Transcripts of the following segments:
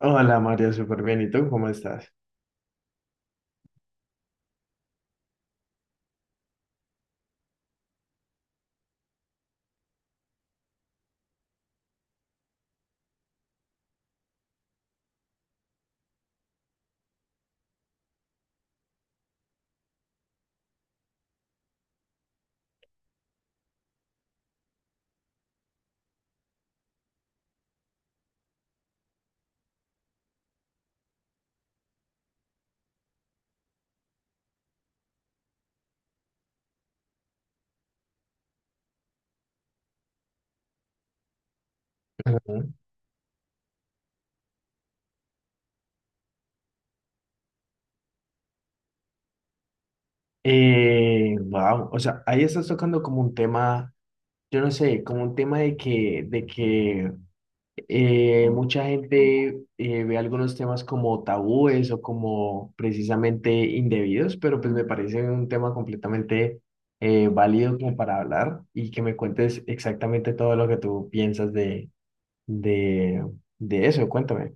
Hola Mario, súper bien. ¿Y tú cómo estás? Ujú. Wow, o sea, ahí estás tocando como un tema, yo no sé, como un tema de que mucha gente ve algunos temas como tabúes o como precisamente indebidos, pero pues me parece un tema completamente válido como para hablar y que me cuentes exactamente todo lo que tú piensas de, de eso. Cuéntame.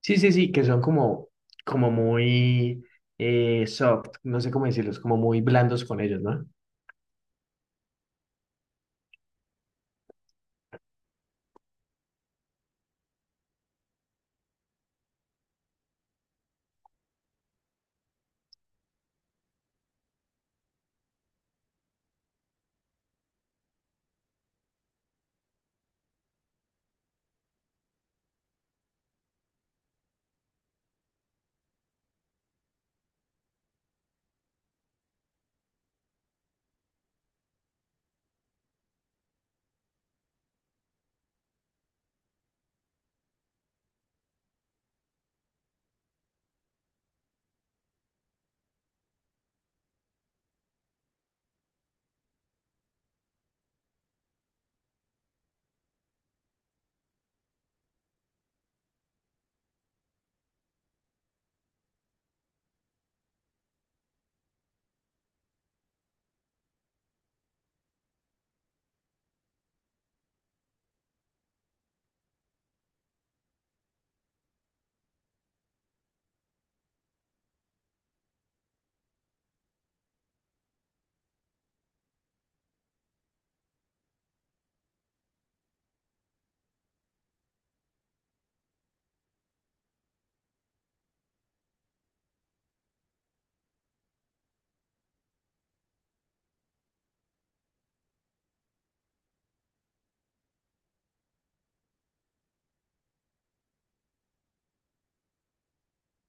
Sí, sí, sí, que son como, como muy soft, no sé cómo decirlos, como muy blandos con ellos, ¿no?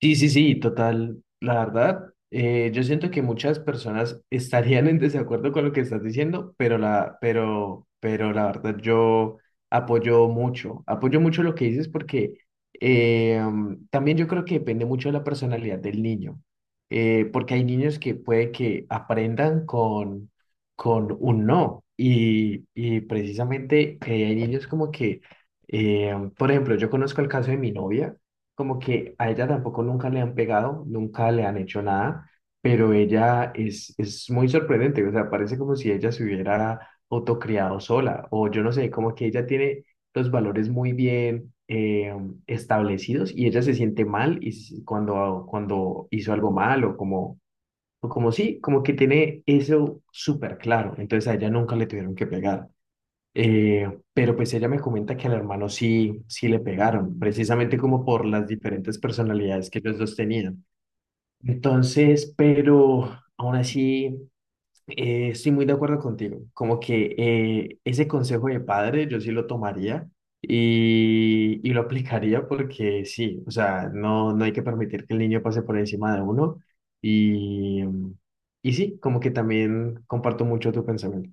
Sí, sí, sí, total. La verdad, yo siento que muchas personas estarían en desacuerdo con lo que estás diciendo, pero la verdad yo apoyo mucho lo que dices porque también yo creo que depende mucho de la personalidad del niño, porque hay niños que puede que aprendan con un no y precisamente hay niños como que, por ejemplo, yo conozco el caso de mi novia como que a ella tampoco nunca le han pegado, nunca le han hecho nada, pero ella es muy sorprendente, o sea, parece como si ella se hubiera autocriado sola, o yo no sé, como que ella tiene los valores muy bien establecidos y ella se siente mal y cuando, cuando hizo algo mal o como sí, como que tiene eso súper claro, entonces a ella nunca le tuvieron que pegar. Eh, pero pues ella me comenta que al hermano sí, sí le pegaron, precisamente como por las diferentes personalidades que los dos tenían. Entonces, pero aún así, estoy muy de acuerdo contigo, como que ese consejo de padre yo sí lo tomaría y lo aplicaría porque sí, o sea, no, no hay que permitir que el niño pase por encima de uno y, y sí, como que también comparto mucho tu pensamiento.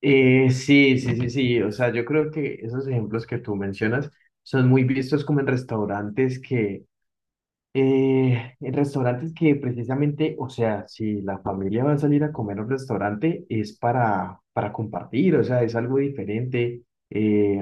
Sí, sí, sí, sí. O sea, yo creo que esos ejemplos que tú mencionas son muy vistos como en restaurantes que en restaurantes que precisamente, o sea, si la familia va a salir a comer a un restaurante es para compartir, o sea, es algo diferente, eh,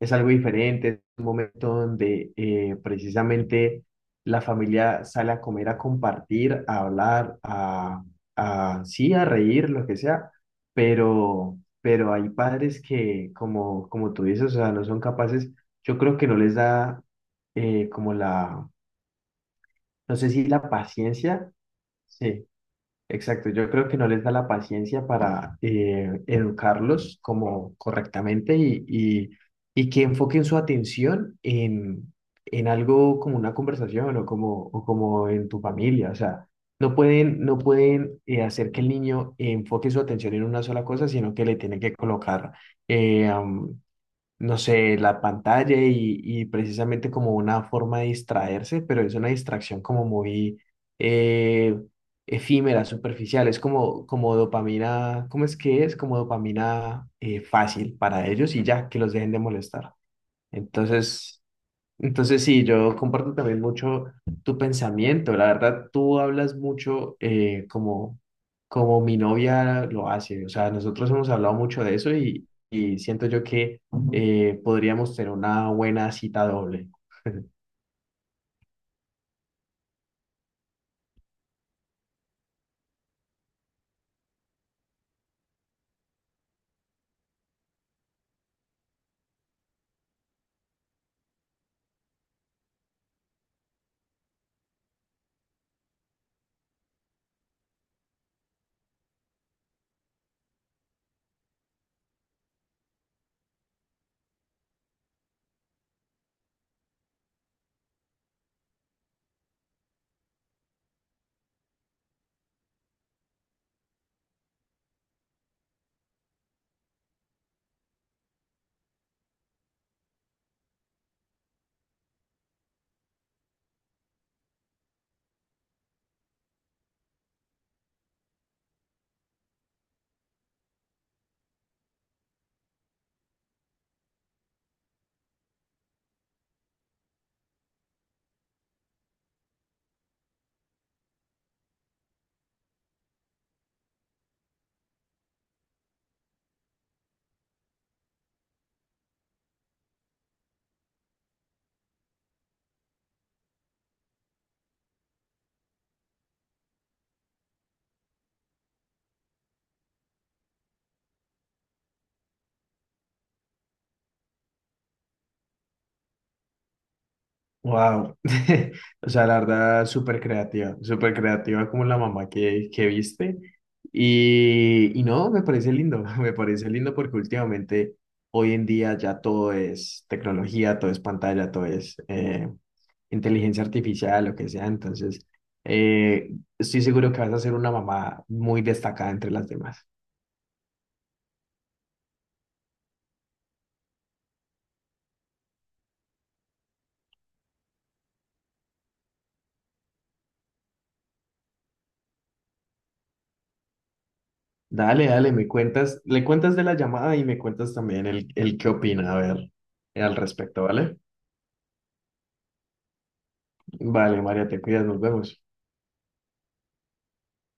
es algo diferente, es un momento donde precisamente la familia sale a comer, a compartir, a hablar, sí, a reír, lo que sea, pero hay padres que, como, como tú dices, o sea, no son capaces, yo creo que no les da como la no sé si la paciencia, sí, exacto. Yo creo que no les da la paciencia para educarlos como correctamente y que enfoquen su atención en algo como una conversación o como en tu familia. O sea, no pueden, no pueden hacer que el niño enfoque su atención en una sola cosa, sino que le tienen que colocar eh, am, no sé, la pantalla y precisamente como una forma de distraerse, pero es una distracción como muy eh, efímera, superficial, es como, como dopamina, ¿cómo es que es? Como dopamina fácil para ellos y ya, que los dejen de molestar. Entonces, entonces, sí, yo comparto también mucho tu pensamiento. La verdad, tú hablas mucho como, como mi novia lo hace. O sea, nosotros hemos hablado mucho de eso y siento yo que podríamos tener una buena cita doble. Wow. O sea, la verdad, súper creativa como la mamá que viste. Y no, me parece lindo, me parece lindo porque últimamente, hoy en día ya todo es tecnología, todo es pantalla, todo es inteligencia artificial, lo que sea. Entonces, eh, estoy seguro que vas a ser una mamá muy destacada entre las demás. Dale, dale, me cuentas, le cuentas de la llamada y me cuentas también el qué opina, a ver, al respecto, ¿vale? Vale, María, te cuidas, nos vemos.